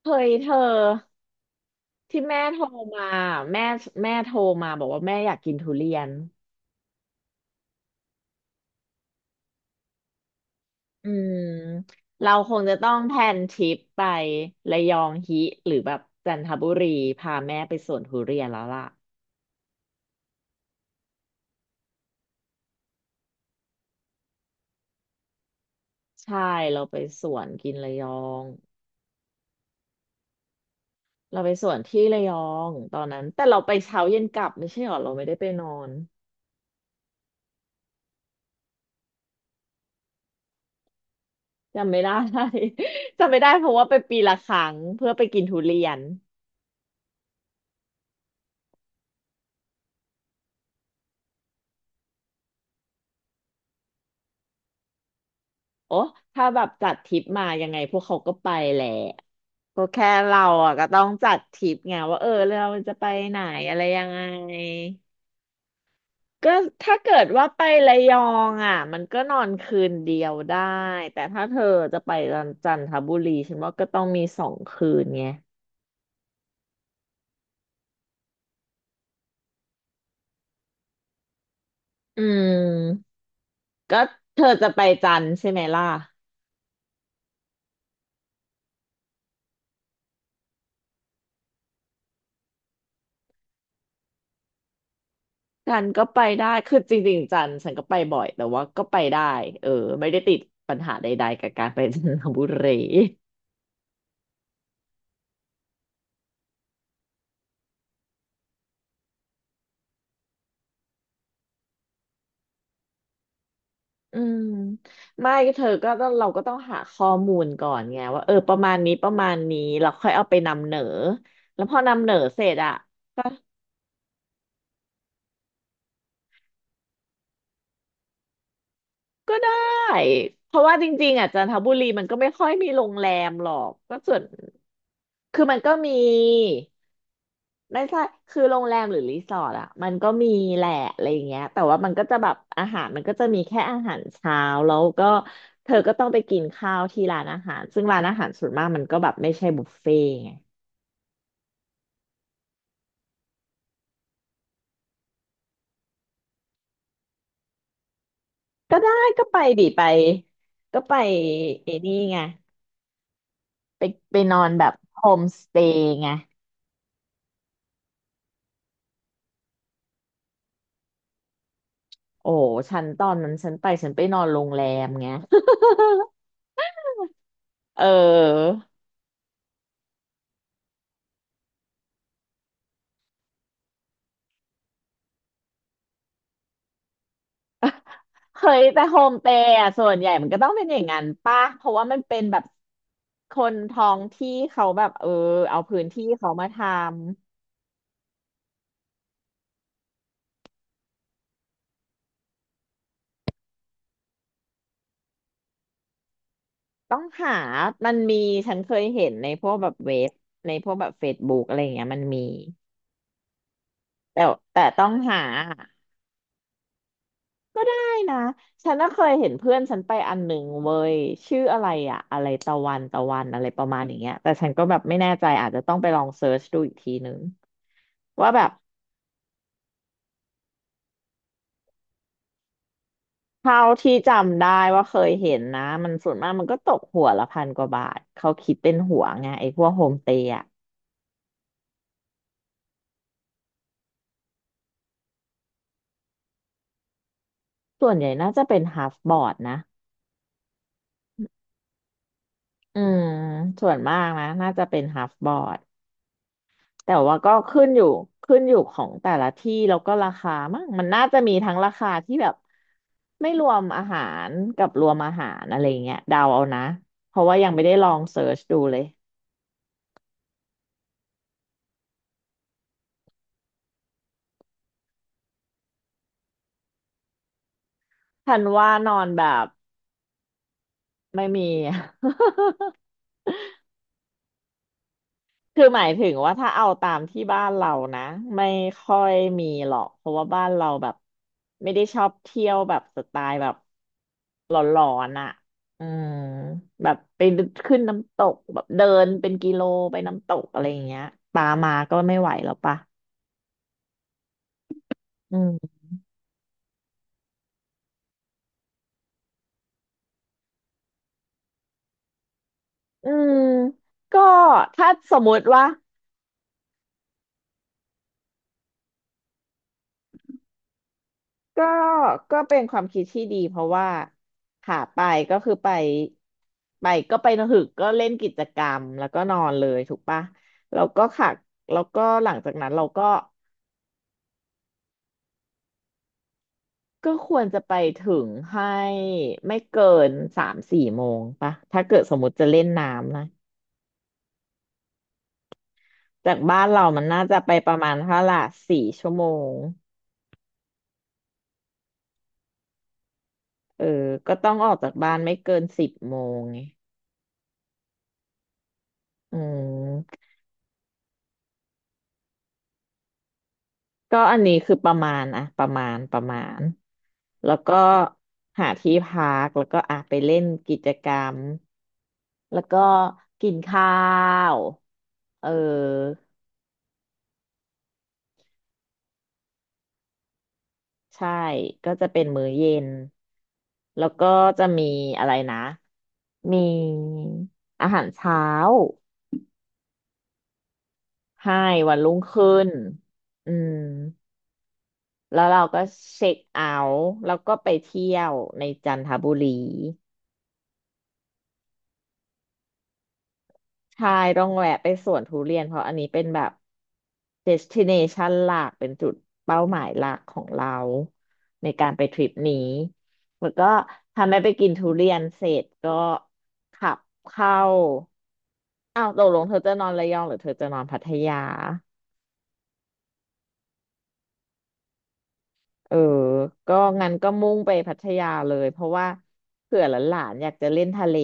เคยเธอที่แม่โทรมาแม่แม่โทรมาบอกว่าแม่อยากกินทุเรียนอืมเราคงจะต้องแพลนทริปไประยองฮิหรือแบบจันทบุรีพาแม่ไปสวนทุเรียนแล้วล่ะใช่เราไปสวนกินระยองเราไปสวนที่ระยองตอนนั้นแต่เราไปเช้าเย็นกลับไม่ใช่หรอเราไม่ได้ไปนอนจำไม่ได้ จำไม่ได้เพราะว่าไปปีละครั้งเพื่อไปกินทุเรียนโอ้ถ้าแบบจัดทริปมายังไงพวกเขาก็ไปแหละ ก็แค่เราอ่ะก็ต้องจัดทริปไงว่าเออเราจะไปไหนอะไรยังไงก็ถ้าเกิดว่าไประยองอ่ะมันก็นอนคืนเดียวได้แต่ถ้าเธอจะไปจันทบุรีฉันว่าก็ต้องมี2 คืนไงอืมก็เธอจะไปจันทร์ใช่ไหมล่ะจันทร์ก็ไปได้คือจริงๆจันทร์ฉันก็ไปบ่อยแต่ว่าก็ไปได้เออไม่ได้ติดปัญหาใดๆกับการไปจันทบุรี อืมไม่ก็เธอก็ต้องเราก็ต้องหาข้อมูลก่อนไงว่าเออประมาณนี้ประมาณนี้เราค่อยเอาไปนำเหนอแล้วพอนำเหนอเสร็จอ่ะก็ก็ได้เพราะว่าจริงๆอ่ะจันทบุรีมันก็ไม่ค่อยมีโรงแรมหรอกก็ส่วนคือมันก็มีไม่ใช่คือโรงแรมหรือรีสอร์ทอ่ะมันก็มีแหละอะไรอย่างเงี้ยแต่ว่ามันก็จะแบบอาหารมันก็จะมีแค่อาหารเช้าแล้วก็เธอก็ต้องไปกินข้าวที่ร้านอาหารซึ่งร้านอาหารส่วนมากมันก็แบบไม่ใช่บุฟเฟ่ต์ไง ก็ได้ก็ไปดิไปก็ไปเอนี่ไงไปไปนอนแบบโฮมสเตย์ไงโอ้ฉันตอนนั้นฉันไปฉันไปนอนโรงแรมไง เออเฮ้ยแต่โฮมสเตย์อ่ะส่วนใหญ่มันก็ต้องเป็นอย่างนั้นป่ะเพราะว่ามันเป็นแบบคนท้องที่เขาแบบเออเอาพื้นที่เขามาทำต้องหามันมีฉันเคยเห็นในพวกแบบเว็บในพวกแบบเฟซบุ๊กอะไรอย่างเงี้ยมันมีแต่แต่ต้องหา ก็ได้นะ ฉันก็เคยเห็นเพื่อนฉันไปอันหนึ่งเว้ยชื่ออะไรอะอะไรตะวันตะวันอะไรประมาณอย่างเงี้ยแต่ฉันก็แบบไม่แน่ใจอาจจะต้องไปลองเซิร์ชดูอีกทีนึงว่าแบบเท่าที่จำได้ว่าเคยเห็นนะมันส่วนมากมันก็ตกหัวละพันกว่าบาท เขาคิดเป็นหัวไงไอ้พวกโฮมสเตย์อะส่วนใหญ่น่าจะเป็นฮาฟบอร์ดนะ อืมส่วนมากนะน่าจะเป็นฮาฟบอร์ด แต่ว่าก็ขึ้นอยู่ขึ้นอยู่ของแต่ละที่แล้วก็ราคามั้งมันน่าจะมีทั้งราคาที่แบบไม่รวมอาหารกับรวมอาหารอะไรเงี้ยเดาเอานะเพราะว่ายังไม่ได้ลองเสิร์ชดูเลยทันว่านอนแบบไม่มี คือหมายถึงว่าถ้าเอาตามที่บ้านเรานะไม่ค่อยมีหรอกเพราะว่าบ้านเราแบบไม่ได้ชอบเที่ยวแบบสไตล์แบบหลอนๆอ่ะอืมแบบไปขึ้นน้ำตกแบบเดินเป็นกิโลไปน้ำตกอะไรอย่างเงี้ยปลามาก็ไม่ไหวแล้วปะอืมอืมก็ถ้าสมมติว่า ก็ก็เป็นความคิดที่ดีเพราะว่าขาไปก็คือไปไปก็ไปนะหึกก็เล่นกิจกรรมแล้วก็นอนเลยถูกปะแล้วก็ขาแล้วก็หลังจากนั้นเราก็ก็ควรจะไปถึงให้ไม่เกิน3-4 โมงปะถ้าเกิดสมมติจะเล่นน้ำนะจากบ้านเรามันน่าจะไปประมาณเท่าไหร่4 ชั่วโมงเออก็ต้องออกจากบ้านไม่เกิน10 โมงไงอืม ก็อันนี้คือประมาณอะประมาณแล้วก็หาที่พักแล้วก็อ่ะไปเล่นกิจกรรมแล้วก็กินข้าวเออใช่ก็จะเป็นมื้อเย็นแล้วก็จะมีอะไรนะมีอาหารเช้าให้วันรุ่งขึ้นอืมแล้วเราก็เช็คเอาท์แล้วก็ไปเที่ยวในจันทบุรี ใช่ต้องแวะไปสวนทุเรียน เพราะอันนี้เป็นแบบ destination หลักเป็นจุดเป้าหมายหลักของเราในการไปทริปนี้ แล้วก็ทำให้ไปกินทุเรียนเสร็จก็ขับเข้าอ้าวตกลงเธอจะนอนระยองหรือเธอจะนอนพัทยา เออก็งั้นก็มุ่งไปพัทยาเลยเพราะว่าเผื่อหลานๆอยากจะเล่นทะเล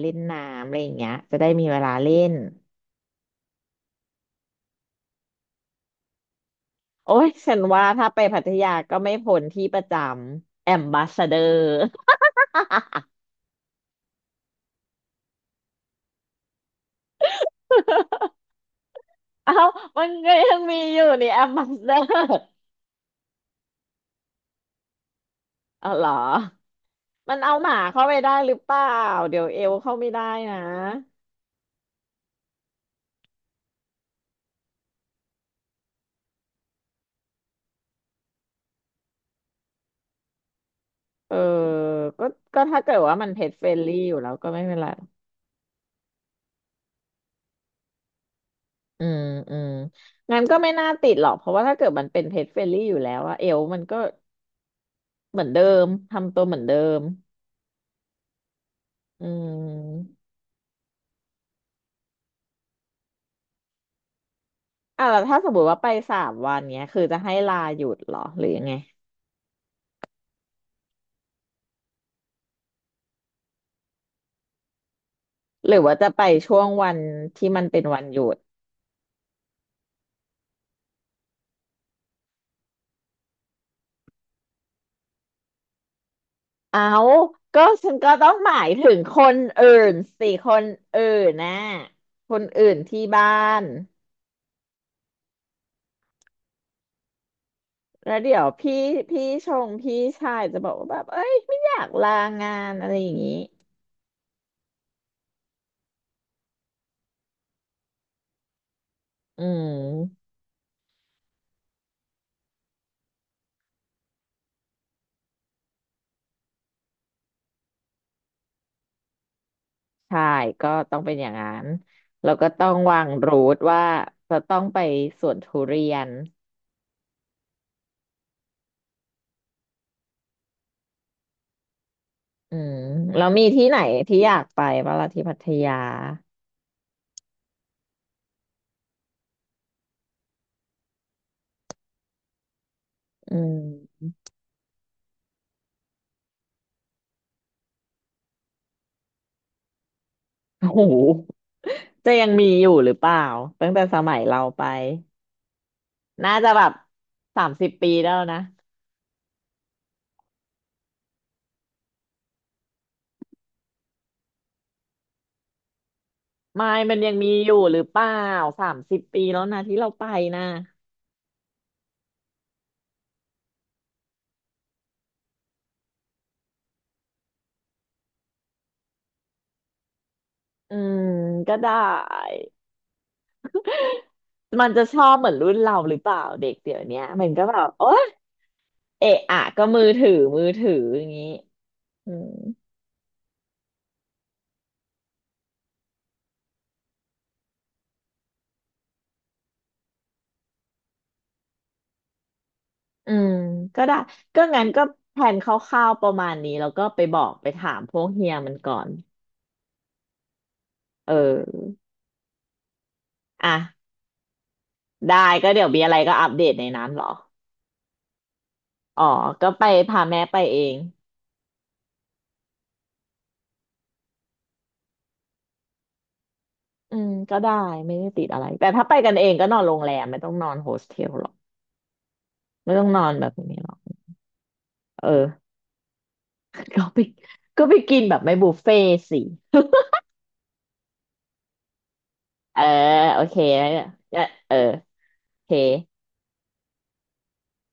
เล่นน้ำอะไรอย่างเงี้ยจะได้มีเวลาเล่น โอ้ยฉันว่าถ้าไปพัทยาก็ไม่พ้นที่ประจำแอมบาสเดอร์ เอ้ามันก็ยังมีอยู่นี่แอมบาสเดอร์ อ๋อเหรอมันเอาหมาเข้าไปได้หรือเปล่าเดี๋ยวเอลเข้าไม่ได้นะเออก็ก็ถ้าเกิดว่ามันเพจเฟรนลี่อยู่แล้วก็ไม่เป็นไรอืมอืมงั้นก็ไม่น่าติดหรอกเพราะว่าถ้าเกิดมันเป็นเพจเฟรนลี่อยู่แล้วอะเอลมันก็เหมือนเดิมทำตัวเหมือนเดิมอืม อ่ะแล้วถ้าสมมติว่าไป3 วันเนี้ย คือจะให้ลาหยุดเหรอหรือยังไง หรือว่าจะไปช่วงวันที่มันเป็นวันหยุด เอาก็ฉันก็ต้องหมายถึงคนอื่นสิคนอื่นนะคนอื่นที่บ้านแล้วเดี๋ยวพี่ชงพี่ชายจะบอกว่าแบบเอ้ยไม่อยากลางานอะไรอย่างนี้อืมใช่ก็ต้องเป็นอย่างนั้นแล้วก็ต้องวางรูทว่าจะต้องไปสวนทุเรียน อืมแล้วมีที่ไหนที่อยากไปบ้างล่ะที่พัทยาอืม โอ้โหจะยังมีอยู่หรือเปล่าตั้งแต่สมัยเราไปน่าจะแบบสามสิบปีแล้วนะไม่มันยังมีอยู่หรือเปล่าสามสิบปีแล้วนะที่เราไปนะอืมก็ได้มันจะชอบเหมือนรุ่นเราหรือเปล่าเด็กเดี๋ยวเนี้ยมันก็แบบโอ๊ยเอะอะก็มือถือมือถืออย่างนี้อืม อืมก็ได้ก็งั้นก็แผนคร่าวๆประมาณนี้แล้วก็ไปบอกไปถามพวกเฮียมันก่อนเอออ่ะได้ก็เดี๋ยวมีอะไรก็อัปเดตในนั้นเหรออ๋อก็ไปพาแม่ไปเองอืมก็ได้ไม่ได้ติดอะไรแต่ถ้าไปกันเองก็นอนโรงแรมไม่ต้องนอนโฮสเทลหรอกไม่ต้องนอนแบบนี้หรอกเออ ก็ไปก็ไปกินแบบไม่บุฟเฟ่ต์สิเออโอเคแล้วเนี่ยเออโอเค